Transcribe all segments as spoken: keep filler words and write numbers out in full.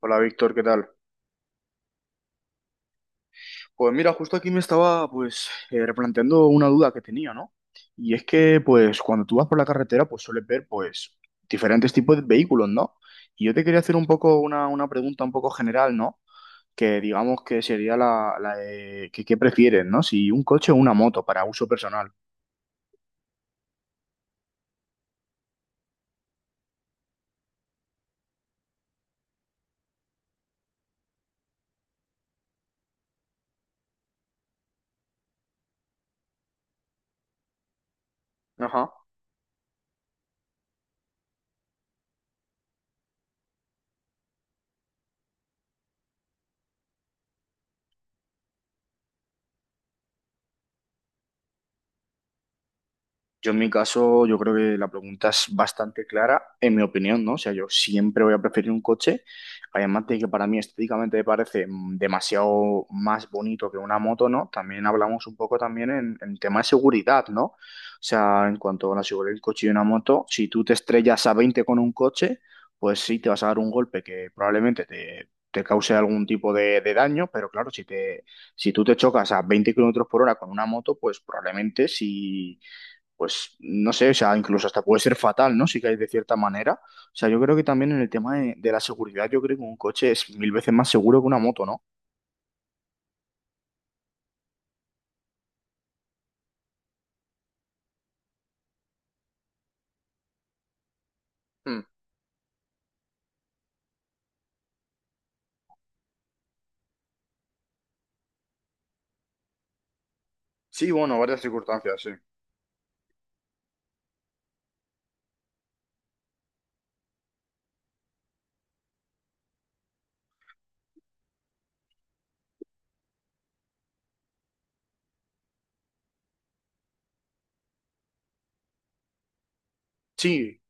Hola Víctor, ¿qué tal? Pues mira, justo aquí me estaba pues eh, replanteando una duda que tenía, ¿no? Y es que pues cuando tú vas por la carretera pues sueles ver pues diferentes tipos de vehículos, ¿no? Y yo te quería hacer un poco una, una pregunta un poco general, ¿no? Que digamos que sería la, la de que, ¿qué prefieres, ¿no? Si un coche o una moto para uso personal. Ajá. Yo en mi caso, yo creo que la pregunta es bastante clara, en mi opinión, ¿no? O sea, yo siempre voy a preferir un coche, además de que para mí estéticamente me parece mm, demasiado más bonito que una moto, ¿no? También hablamos un poco también en, en tema de seguridad, ¿no? O sea, en cuanto a la seguridad del coche y una moto, si tú te estrellas a veinte con un coche, pues sí, te vas a dar un golpe que probablemente te... te cause algún tipo de, de daño, pero claro, si te, si tú te chocas a veinte kilómetros por hora con una moto, pues probablemente si, pues no sé, o sea, incluso hasta puede ser fatal, ¿no? Si caes de cierta manera. O sea, yo creo que también en el tema de, de la seguridad, yo creo que un coche es mil veces más seguro que una moto, ¿no? Mm. Sí, bueno, varias circunstancias, sí. Sí.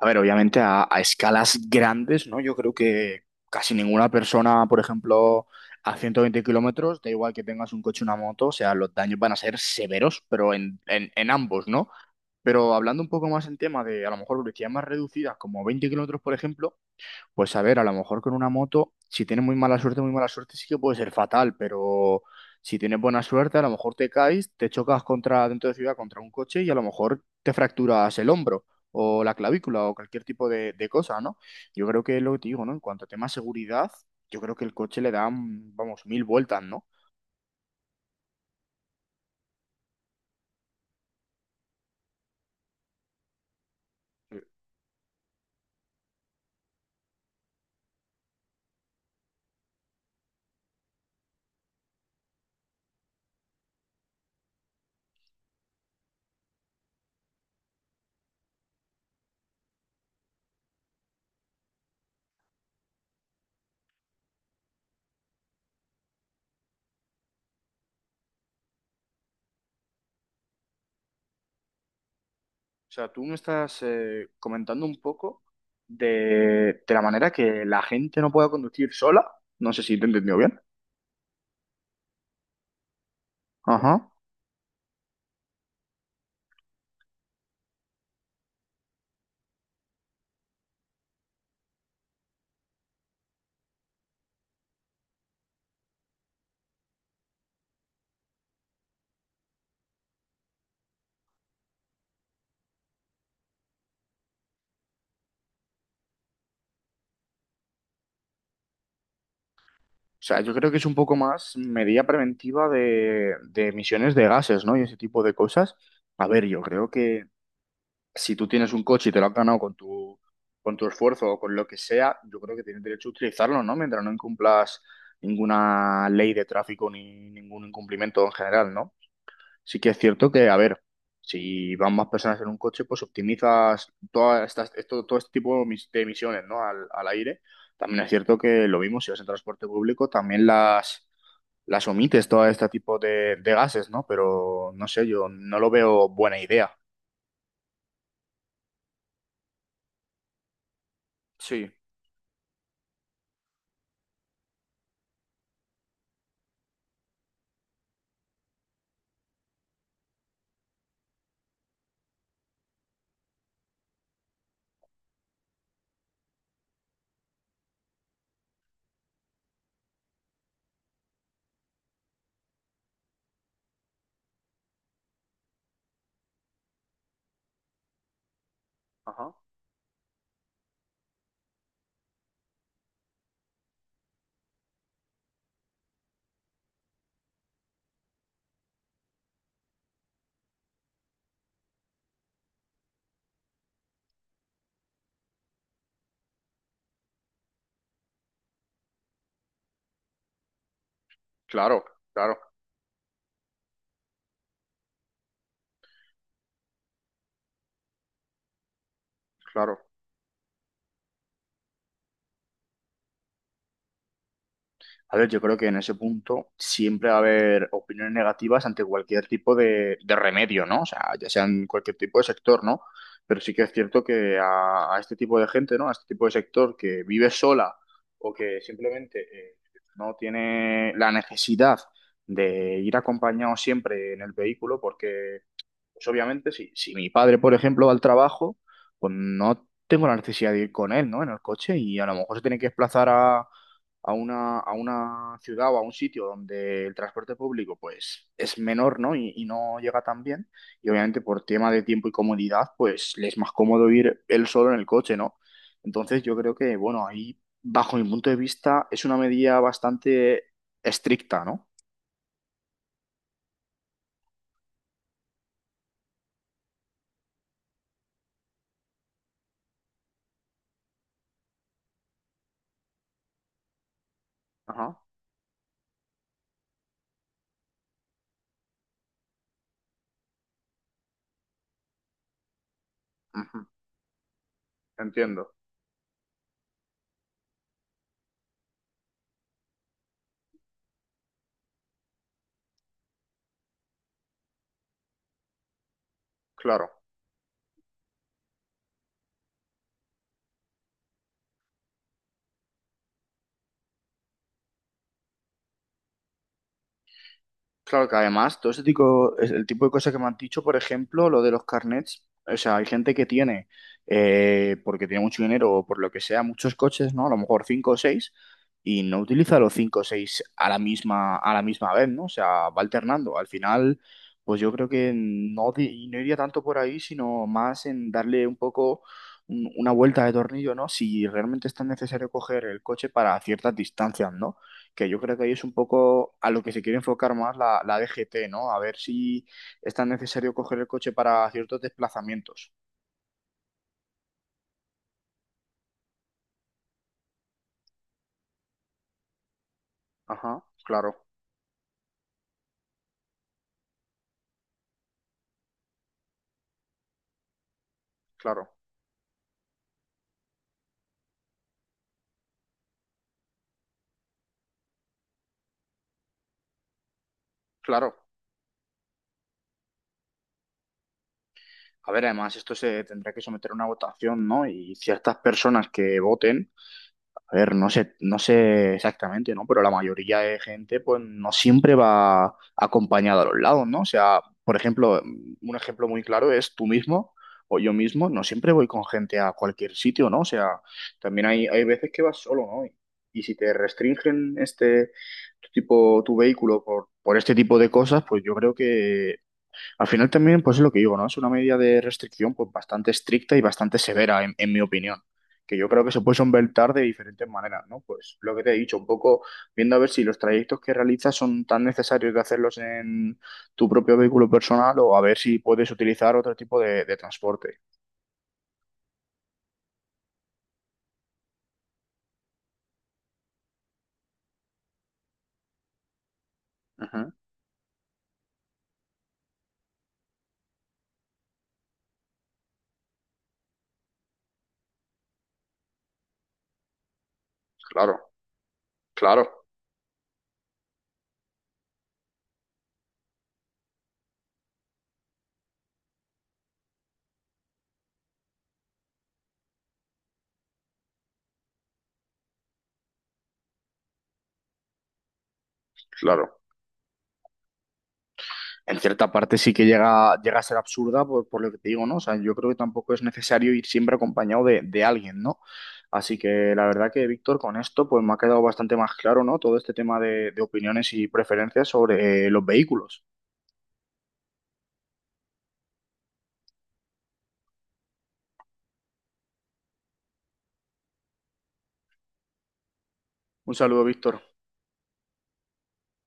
A ver, obviamente a, a escalas grandes, ¿no? Yo creo que casi ninguna persona, por ejemplo, a ciento veinte kilómetros, da igual que tengas un coche o una moto, o sea, los daños van a ser severos, pero en, en, en ambos, ¿no? Pero hablando un poco más en tema de, a lo mejor, velocidades más reducidas, como veinte kilómetros, por ejemplo, pues a ver, a lo mejor con una moto, si tienes muy mala suerte, muy mala suerte sí que puede ser fatal, pero si tienes buena suerte, a lo mejor te caes, te chocas contra dentro de ciudad contra un coche y a lo mejor te fracturas el hombro o la clavícula o cualquier tipo de, de cosa, ¿no? Yo creo que es lo que te digo, ¿no? En cuanto a tema seguridad, yo creo que el coche le da, mm, vamos, mil vueltas, ¿no? Eh, O sea, tú me estás eh, comentando un poco de, de la manera que la gente no pueda conducir sola. No sé si te he entendido bien. Ajá. O sea, yo creo que es un poco más medida preventiva de, de emisiones de gases, ¿no? Y ese tipo de cosas. A ver, yo creo que si tú tienes un coche y te lo has ganado con tu, con tu esfuerzo o con lo que sea, yo creo que tienes derecho a utilizarlo, ¿no? Mientras no incumplas ninguna ley de tráfico ni ningún incumplimiento en general, ¿no? Sí que es cierto que, a ver, si van más personas en un coche, pues optimizas todas estas, esto, todo este tipo de emis- de emisiones, ¿no? al al aire. También es cierto que lo mismo, si vas en transporte público, también las las omites todo este tipo de, de gases, ¿no? Pero no sé, yo no lo veo buena idea. Sí, ajá. Claro, claro, claro. A ver, yo creo que en ese punto siempre va a haber opiniones negativas ante cualquier tipo de, de remedio, ¿no? O sea, ya sean cualquier tipo de sector, ¿no? Pero sí que es cierto que a, a este tipo de gente, ¿no? A este tipo de sector que vive sola o que simplemente eh, no tiene la necesidad de ir acompañado siempre en el vehículo, porque, pues obviamente, si, si mi padre, por ejemplo, va al trabajo, pues no tengo la necesidad de ir con él, ¿no? En el coche y a lo mejor se tiene que desplazar a a una, a una ciudad o a un sitio donde el transporte público pues es menor, ¿no? Y, y no llega tan bien. Y obviamente por tema de tiempo y comodidad, pues le es más cómodo ir él solo en el coche, ¿no? Entonces yo creo que, bueno, ahí, bajo mi punto de vista, es una medida bastante estricta, ¿no? Ajá. Ujú. Entiendo, claro. Claro que además, todo ese tipo, es el tipo de cosas que me han dicho, por ejemplo, lo de los carnets, o sea, hay gente que tiene, eh, porque tiene mucho dinero o por lo que sea, muchos coches, ¿no? A lo mejor cinco o seis, y no utiliza los cinco o seis a la misma, a la misma vez, ¿no? O sea, va alternando. Al final, pues yo creo que no, di- no iría tanto por ahí, sino más en darle un poco un- una vuelta de tornillo, ¿no? Si realmente es tan necesario coger el coche para ciertas distancias, ¿no? Que yo creo que ahí es un poco a lo que se quiere enfocar más la, la D G T, ¿no? A ver si es tan necesario coger el coche para ciertos desplazamientos. Ajá, claro, claro, claro. A ver, además, esto se tendrá que someter a una votación, ¿no? Y ciertas personas que voten a ver, no sé, no sé exactamente, ¿no? Pero la mayoría de gente, pues, no siempre va acompañada a los lados, ¿no? O sea, por ejemplo, un ejemplo muy claro es tú mismo o yo mismo, no siempre voy con gente a cualquier sitio, ¿no? O sea, también hay, hay veces que vas solo, ¿no? Y, y si te restringen este tu tipo, tu vehículo por, por este tipo de cosas, pues yo creo que al final también, pues es lo que digo, ¿no? Es una medida de restricción pues bastante estricta y bastante severa, en, en mi opinión, que yo creo que se puede solventar de diferentes maneras, ¿no? Pues lo que te he dicho, un poco viendo a ver si los trayectos que realizas son tan necesarios de hacerlos en tu propio vehículo personal o a ver si puedes utilizar otro tipo de, de transporte. Ujú, claro, claro, claro. En cierta parte sí que llega, llega a ser absurda por, por lo que te digo, ¿no? O sea, yo creo que tampoco es necesario ir siempre acompañado de, de alguien, ¿no? Así que la verdad que, Víctor, con esto pues me ha quedado bastante más claro, ¿no? Todo este tema de, de opiniones y preferencias sobre eh, los vehículos. Un saludo, Víctor.